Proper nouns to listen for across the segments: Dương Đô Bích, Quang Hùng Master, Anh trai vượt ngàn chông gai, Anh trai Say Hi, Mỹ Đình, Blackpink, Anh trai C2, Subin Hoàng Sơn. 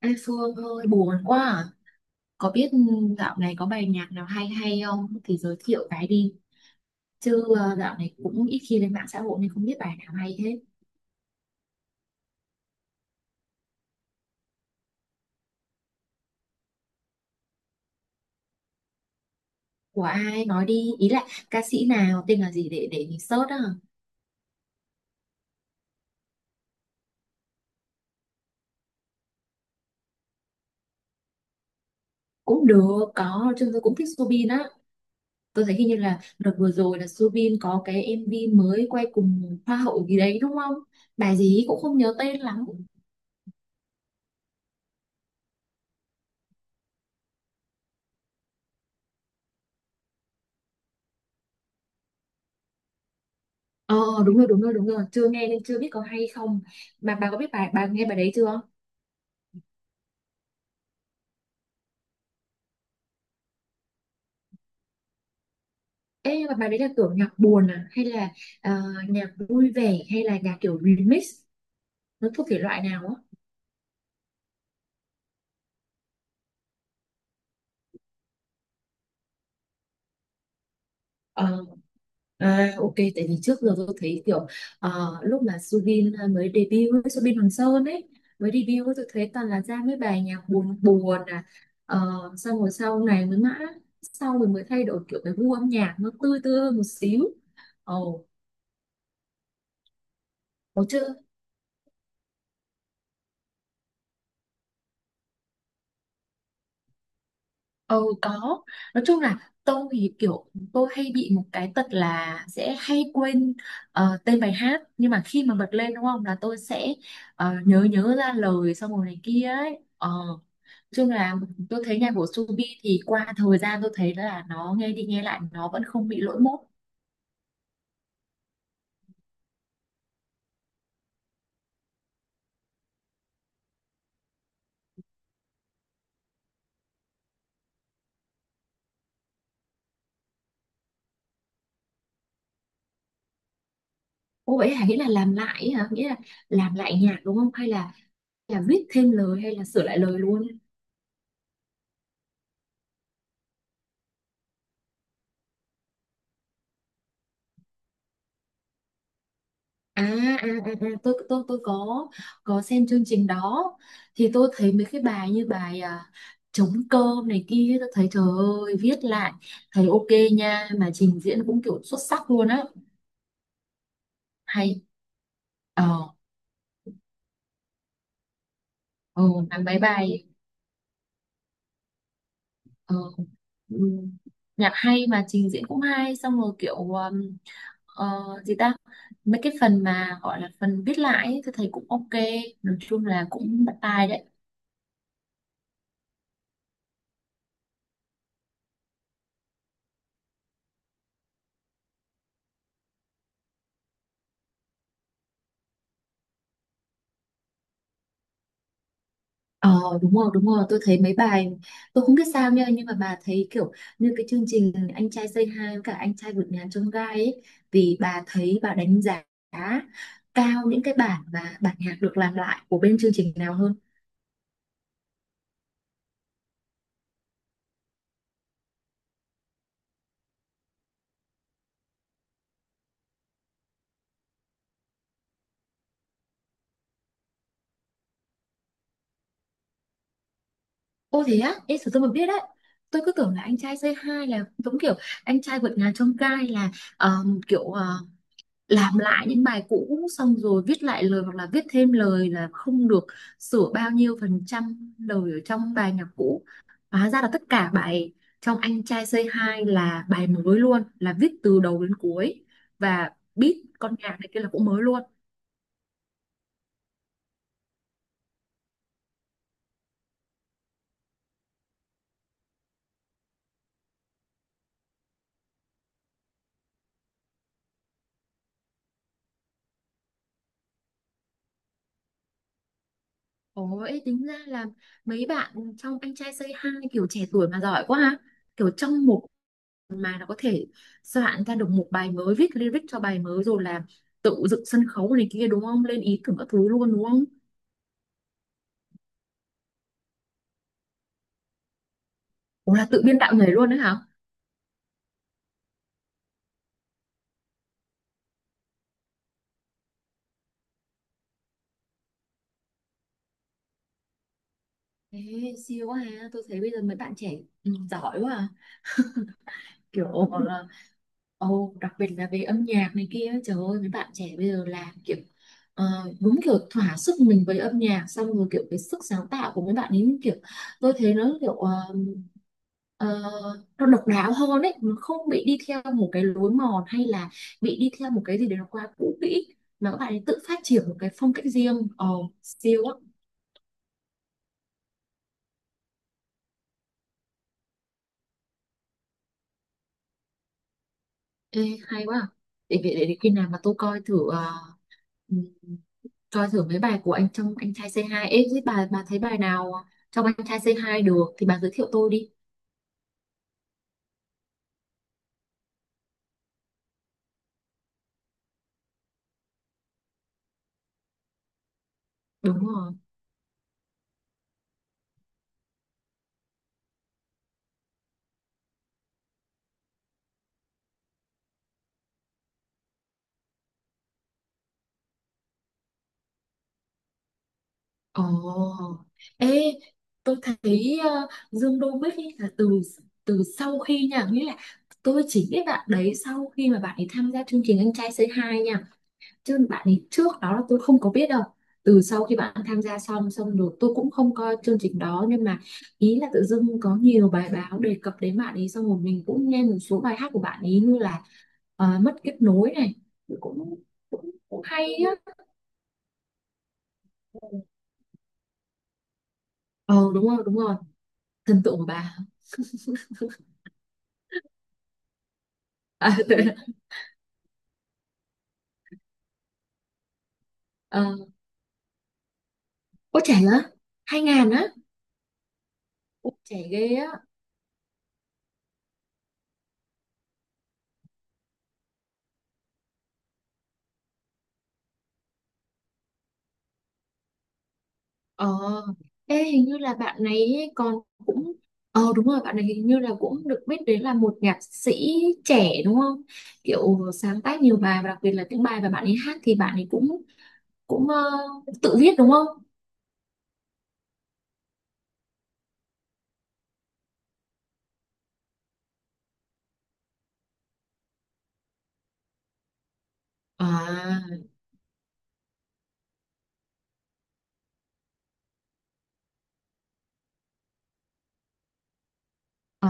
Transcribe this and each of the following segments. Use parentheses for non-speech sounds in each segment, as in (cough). Ê Phương ơi buồn quá à. Có biết dạo này có bài nhạc nào hay hay không thì giới thiệu cái đi chứ dạo này cũng ít khi lên mạng xã hội nên không biết bài nào hay hết của ai, nói đi, ý là ca sĩ nào, tên là gì để mình search á. Cũng được, có chứ, tôi cũng thích Soobin á. Tôi thấy hình như là đợt vừa rồi là Soobin có cái MV mới quay cùng hoa hậu gì đấy đúng không? Bài gì cũng không nhớ tên lắm. Ờ, đúng rồi đúng rồi đúng rồi, chưa nghe nên chưa biết có hay không. Mà bà có biết bài, bà nghe bài đấy chưa? Ê, nhưng mà bài đấy là kiểu nhạc buồn à hay là ờ, nhạc vui vẻ hay là nhạc kiểu remix, nó thuộc thể loại nào á? Ờ, à, ok, tại vì trước giờ tôi thấy kiểu lúc mà Subin mới debut ấy, Subin Hoàng Sơn ấy mới debut ấy, tôi thấy toàn là ra mấy bài nhạc buồn buồn à. Xong rồi sau này mới sau rồi mới thay đổi kiểu cái gu âm nhạc nó tươi tươi hơn một xíu. Ồ. Oh, ừ có. Nói chung là tôi thì kiểu tôi hay bị một cái tật là sẽ hay quên tên bài hát. Nhưng mà khi mà bật lên đúng không, là tôi sẽ nhớ, nhớ ra lời, xong rồi này kia ấy. Ờ, nói chung là tôi thấy nhạc của Subi thì qua thời gian tôi thấy là nó nghe đi nghe lại nó vẫn không bị lỗi mốt. Ồ vậy hả, nghĩa là làm lại ấy hả? Nghĩa là làm lại nhạc đúng không? Hay là viết thêm lời hay là sửa lại lời luôn? À, à, à, à, tôi có xem chương trình đó, thì tôi thấy mấy cái bài như bài trống cơm này kia, tôi thấy trời ơi viết lại thấy ok nha, mà trình diễn cũng kiểu xuất sắc luôn á. Hay. Ờ. Ờ, làm mấy bài. Ờ, ừ, nhạc hay mà trình diễn cũng hay, xong rồi kiểu ờ, gì ta, mấy cái phần mà gọi là phần viết lại ấy, tôi thấy cũng ok, nói chung là cũng bắt tai đấy. Ờ đúng rồi đúng rồi, tôi thấy mấy bài tôi không biết sao nha, nhưng mà bà thấy kiểu như cái chương trình Anh trai Say Hi với cả Anh trai vượt ngàn chông gai ấy, vì bà thấy, bà đánh giá cao những cái bản nhạc được làm lại của bên chương trình nào hơn? Ô thế á, ê sao tôi mà biết đấy, tôi cứ tưởng là Anh trai Say Hi là giống kiểu Anh trai vượt ngàn chông gai, là ờ, kiểu làm lại những bài cũ xong rồi viết lại lời hoặc là viết thêm lời, là không được sửa bao nhiêu phần trăm lời ở trong bài nhạc cũ. Hóa ra là tất cả bài trong Anh trai Say Hi là bài mới luôn, là viết từ đầu đến cuối, và beat con nhạc này kia là cũng mới luôn. Ôi, tính ra là mấy bạn trong Anh trai Say Hi kiểu trẻ tuổi mà giỏi quá ha. Kiểu trong một mà nó có thể soạn ra được một bài mới, viết lyric cho bài mới, rồi là tự dựng sân khấu này kia đúng không? Lên ý tưởng các thứ luôn đúng không? Ủa là tự biên đạo nhảy luôn đấy hả? Ê, siêu quá ha, tôi thấy bây giờ mấy bạn trẻ ừ, giỏi quá à. Kiểu là ồ, đặc biệt là về âm nhạc này kia ấy, trời ơi mấy bạn trẻ bây giờ làm kiểu ờ, đúng kiểu thỏa sức mình với âm nhạc, xong rồi kiểu cái sức sáng tạo của mấy bạn ấy kiểu tôi thấy nó kiểu ờ, nó độc đáo hơn ấy, nó không bị đi theo một cái lối mòn hay là bị đi theo một cái gì đấy nó quá cũ kỹ, mà các bạn ấy tự phát triển một cái phong cách riêng, ồ siêu á. Ê, hay quá à. Để khi nào mà tôi coi thử coi thử mấy bài của anh trong Anh trai C2 ấy, thế bà thấy bài nào trong Anh trai C2 được thì bà giới thiệu tôi đi. Đúng rồi. Ồ. Ê tôi thấy Dương Đô Bích ấy là từ từ sau khi nha, nghĩa là tôi chỉ biết bạn đấy sau khi mà bạn ấy tham gia chương trình Anh trai C2 nha, chứ bạn ấy trước đó là tôi không có biết đâu. Từ sau khi bạn tham gia xong, xong rồi tôi cũng không coi chương trình đó, nhưng mà ý là tự dưng có nhiều bài báo đề cập đến bạn ấy, xong rồi mình cũng nghe một số bài hát của bạn ấy, như là mất kết nối này, cũng cũng, cũng hay á. Ờ đúng rồi đúng rồi. Thần tượng của bà? (laughs) À, ờ, ôi trẻ á. Hai ngàn á? Ôi trẻ ghê á. Ờ, ê, hình như là bạn này ấy còn cũng ờ đúng rồi, bạn này hình như là cũng được biết đến là một nhạc sĩ trẻ đúng không? Kiểu sáng tác nhiều bài, và đặc biệt là tiếng bài và bạn ấy hát thì bạn ấy cũng cũng tự viết đúng không? À, ờ.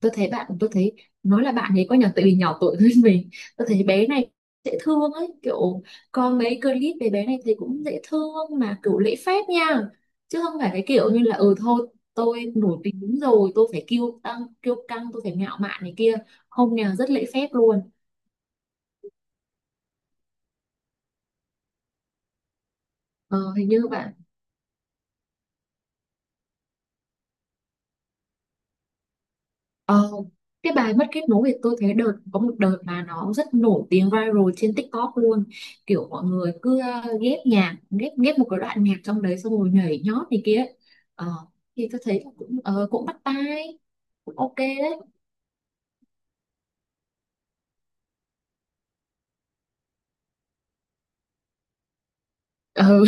Tôi thấy bạn, tôi thấy nói là bạn ấy có nhỏ tại vì nhỏ tuổi hơn (laughs) mình, tôi thấy bé này dễ thương ấy, kiểu có mấy clip về bé này thì cũng dễ thương mà kiểu lễ phép nha, chứ không phải cái kiểu như là ừ thôi tôi nổi tiếng đúng rồi tôi phải kiêu căng, tôi phải ngạo mạn này kia, không nào, rất lễ phép luôn. Ờ, Hình như bạn. Ờ, cái bài mất kết nối thì tôi thấy đợt có một đợt mà nó rất nổi tiếng, viral trên TikTok luôn, kiểu mọi người cứ ghép nhạc, ghép ghép một cái đoạn nhạc trong đấy xong rồi nhảy nhót này kia. ờ, thì tôi thấy là cũng cũng bắt tai, cũng ok đấy.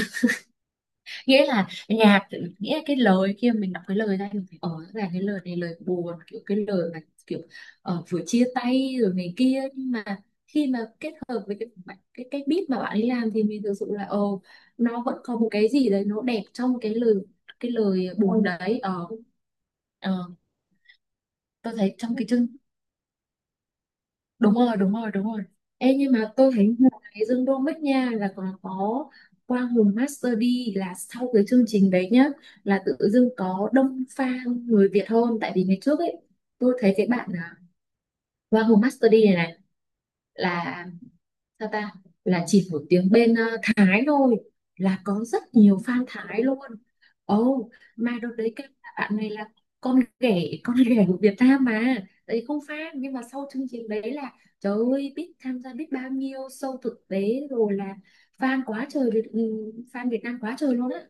Nghĩa là nhạc, nghĩa là cái lời kia mình đọc cái lời ra mình phải ở là cái lời này lời buồn, kiểu cái lời mà kiểu vừa chia tay rồi này kia, nhưng mà khi mà kết hợp với cái beat mà bạn ấy làm thì mình thực sự là ờ, nó vẫn có một cái gì đấy nó đẹp trong cái lời, cái lời buồn đấy ờ. Ờ, tôi thấy trong cái chương. Đúng rồi đúng rồi đúng rồi. Ê, nhưng mà tôi thấy ngoài Dương Đô Bích nha là còn có Quang Hùng Master đi, là sau cái chương trình đấy nhá là tự dưng có đông fan người Việt hơn, tại vì ngày trước ấy tôi thấy cái bạn Quang Hùng Master đi này này là sao ta, là chỉ một tiếng bên Thái thôi, là có rất nhiều fan Thái luôn. Ồ mà đợt đấy các bạn này là con ghẻ của Việt Nam mà, đấy, không fan, nhưng mà sau chương trình đấy là trời ơi biết tham gia biết bao nhiêu show thực tế rồi là fan quá trời ừ, fan Việt Nam quá trời luôn á.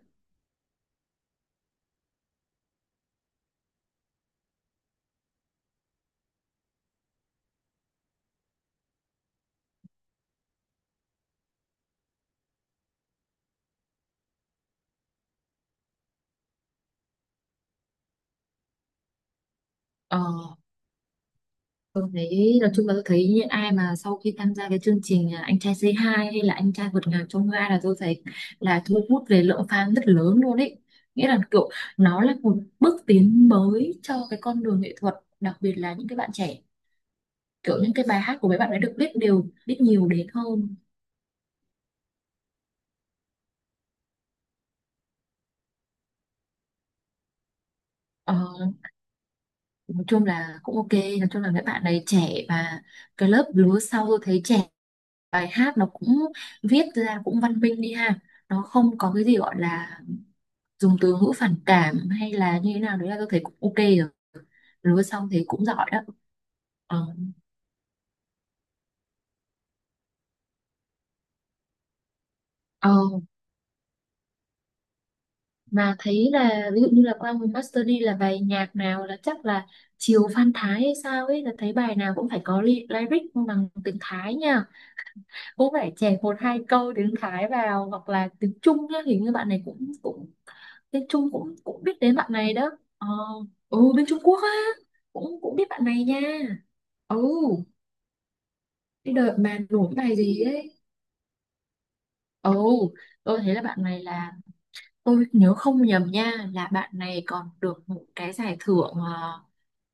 Ờ. Tôi thấy nói chung là tôi thấy những ai mà sau khi tham gia cái chương trình Anh trai Say Hi hay là Anh trai vượt ngàn chông gai là tôi thấy là thu hút về lượng fan rất lớn luôn ấy. Nghĩa là kiểu nó là một bước tiến mới cho cái con đường nghệ thuật, đặc biệt là những cái bạn trẻ. Kiểu những cái bài hát của mấy bạn ấy được biết đều biết nhiều đến hơn. Ờ, nói chung là cũng ok, nói chung là mấy bạn này trẻ và cái lớp lứa sau tôi thấy trẻ, bài hát nó cũng viết ra cũng văn minh đi ha. Nó không có cái gì gọi là dùng từ ngữ phản cảm hay là như thế nào đấy, là tôi thấy cũng ok rồi. Lúa xong thấy cũng giỏi đó. Ờ. Ờ, mà thấy là ví dụ như là qua một master đi, là bài nhạc nào là chắc là chiều Phan Thái hay sao ấy, là thấy bài nào cũng phải có lyric bằng tiếng Thái nha, cũng phải chèn một hai câu tiếng Thái vào, hoặc là tiếng Trung nhá. Hình như bạn này cũng cũng tiếng Trung cũng cũng biết đến bạn này đó. Ờ, ừ, bên Trung Quốc á, cũng cũng biết bạn này nha. Ừ, cái đợt mà nổi bài gì ấy. Ồ, tôi thấy là bạn này là, tôi nhớ không nhầm nha, là bạn này còn được một cái giải thưởng ờ,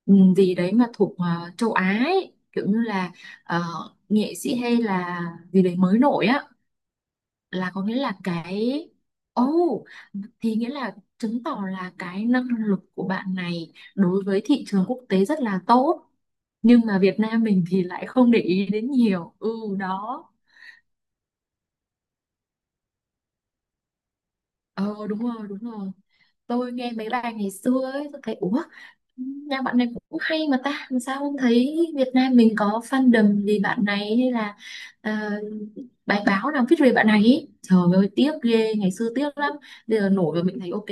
ừm, gì đấy mà thuộc châu Á ấy. Kiểu như là ờ, nghệ sĩ hay là gì đấy mới nổi á, là có nghĩa là cái. Ồ, thì nghĩa là chứng tỏ là cái năng lực của bạn này đối với thị trường quốc tế rất là tốt, nhưng mà Việt Nam mình thì lại không để ý đến nhiều. Ừ, đó. Ờ đúng rồi, đúng rồi. Tôi nghe mấy bài ngày xưa ấy, tôi thấy ủa, nhà bạn này cũng hay mà ta, mà sao không thấy Việt Nam mình có fandom vì bạn này, hay là ờ, bài báo nào viết về bạn này ấy. Trời ơi, tiếc ghê, ngày xưa tiếc lắm. Bây giờ nổi rồi mình thấy ok.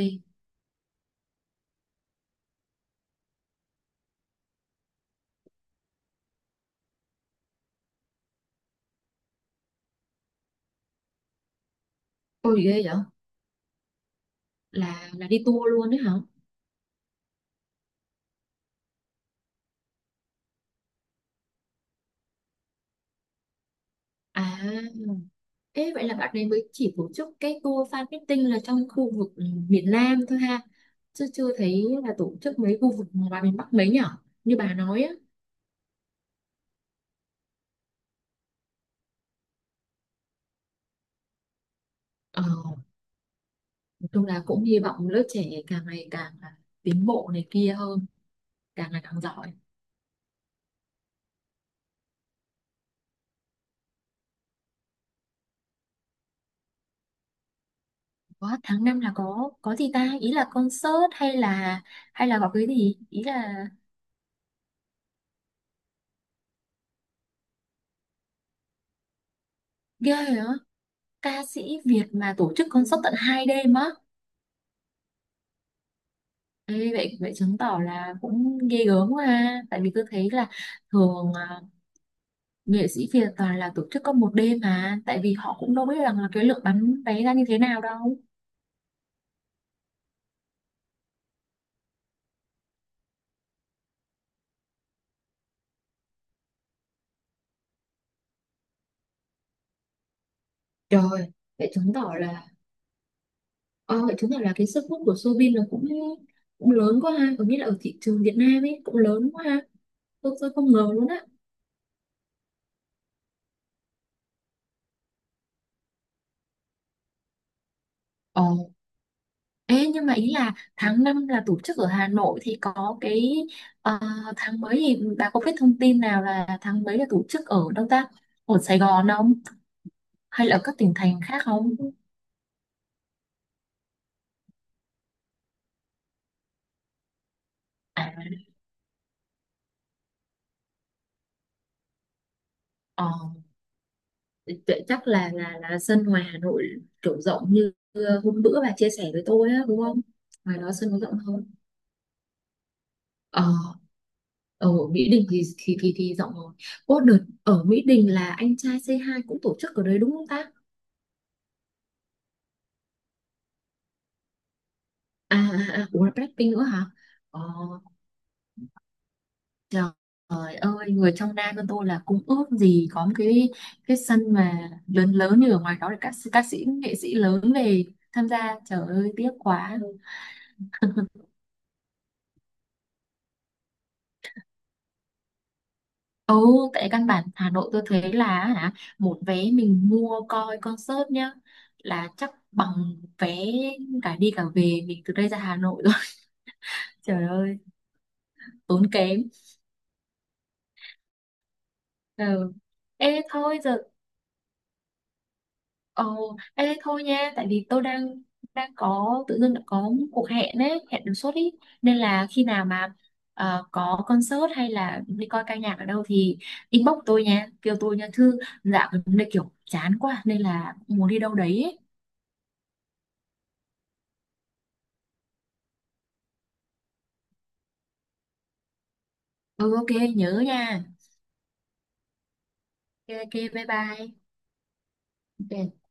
Ôi ghê vậy? Là đi tour luôn đấy hả? À, thế vậy là bạn này mới chỉ tổ chức cái tour fan meeting là trong khu vực miền Nam thôi ha. Chứ chưa thấy là tổ chức mấy khu vực ngoài miền Bắc mấy nhở? Như bà nói á. Ờ, nói chung là cũng hy vọng lớp trẻ càng ngày càng là tiến bộ này kia hơn, càng ngày càng giỏi. Có tháng 5 là có gì ta? Ý là concert hay là, hay là có cái gì? Ý là ghê rồi á, ca sĩ Việt mà tổ chức concert tận hai đêm á. Ê, vậy vậy chứng tỏ là cũng ghê gớm, mà tại vì tôi thấy là thường à, nghệ sĩ Việt toàn là tổ chức có một đêm, mà tại vì họ cũng đâu biết rằng là cái lượng bán vé ra như thế nào đâu. Trời, vậy chứng tỏ là, ờ, chứng tỏ là cái sức hút của Soobin nó cũng cũng lớn quá ha, có nghĩa là ở thị trường Việt Nam ấy cũng lớn quá ha. Tôi không ngờ luôn á. Ờ, Ê nhưng mà ý là tháng 5 là tổ chức ở Hà Nội thì có cái, ờ, tháng mấy thì bà có biết thông tin nào là tháng mấy là tổ chức ở đâu ta? Ở Sài Gòn không? Hay là ở các tỉnh thành khác không? À, ờ, vậy chắc là là sân ngoài Hà Nội kiểu rộng như hôm bữa bà chia sẻ với tôi á đúng không? Ngoài đó sân có rộng không? Ờ, ở Mỹ Đình thì thì rộng rồi. Ô đợt ở Mỹ Đình là anh trai c hai cũng tổ chức ở đấy đúng không ta? À à, à, cũng là Blackpink nữa hả? Ờ, trời ơi người trong Nam bên tôi là cũng ước gì có một cái sân mà lớn lớn như ở ngoài đó, để các sĩ nghệ sĩ lớn về tham gia. Trời ơi tiếc quá. Ồ, tại căn bản Hà Nội tôi thấy là hả, một vé mình mua coi concert nhá là chắc bằng vé cả đi cả về mình từ đây ra Hà Nội rồi. (laughs) Trời ơi tốn kém. Ừ. Ê thôi giờ, ồ ê thôi nha, tại vì tôi đang, đang có, tự dưng đã có một cuộc hẹn ấy, hẹn đột xuất ý, nên là khi nào mà có concert hay là đi coi ca nhạc ở đâu thì inbox tôi nha, kêu tôi nha thư, dạo gần đây kiểu chán quá nên là muốn đi đâu đấy ấy. Ừ, ok, nhớ nha. Ok ok, bye bye. Ok.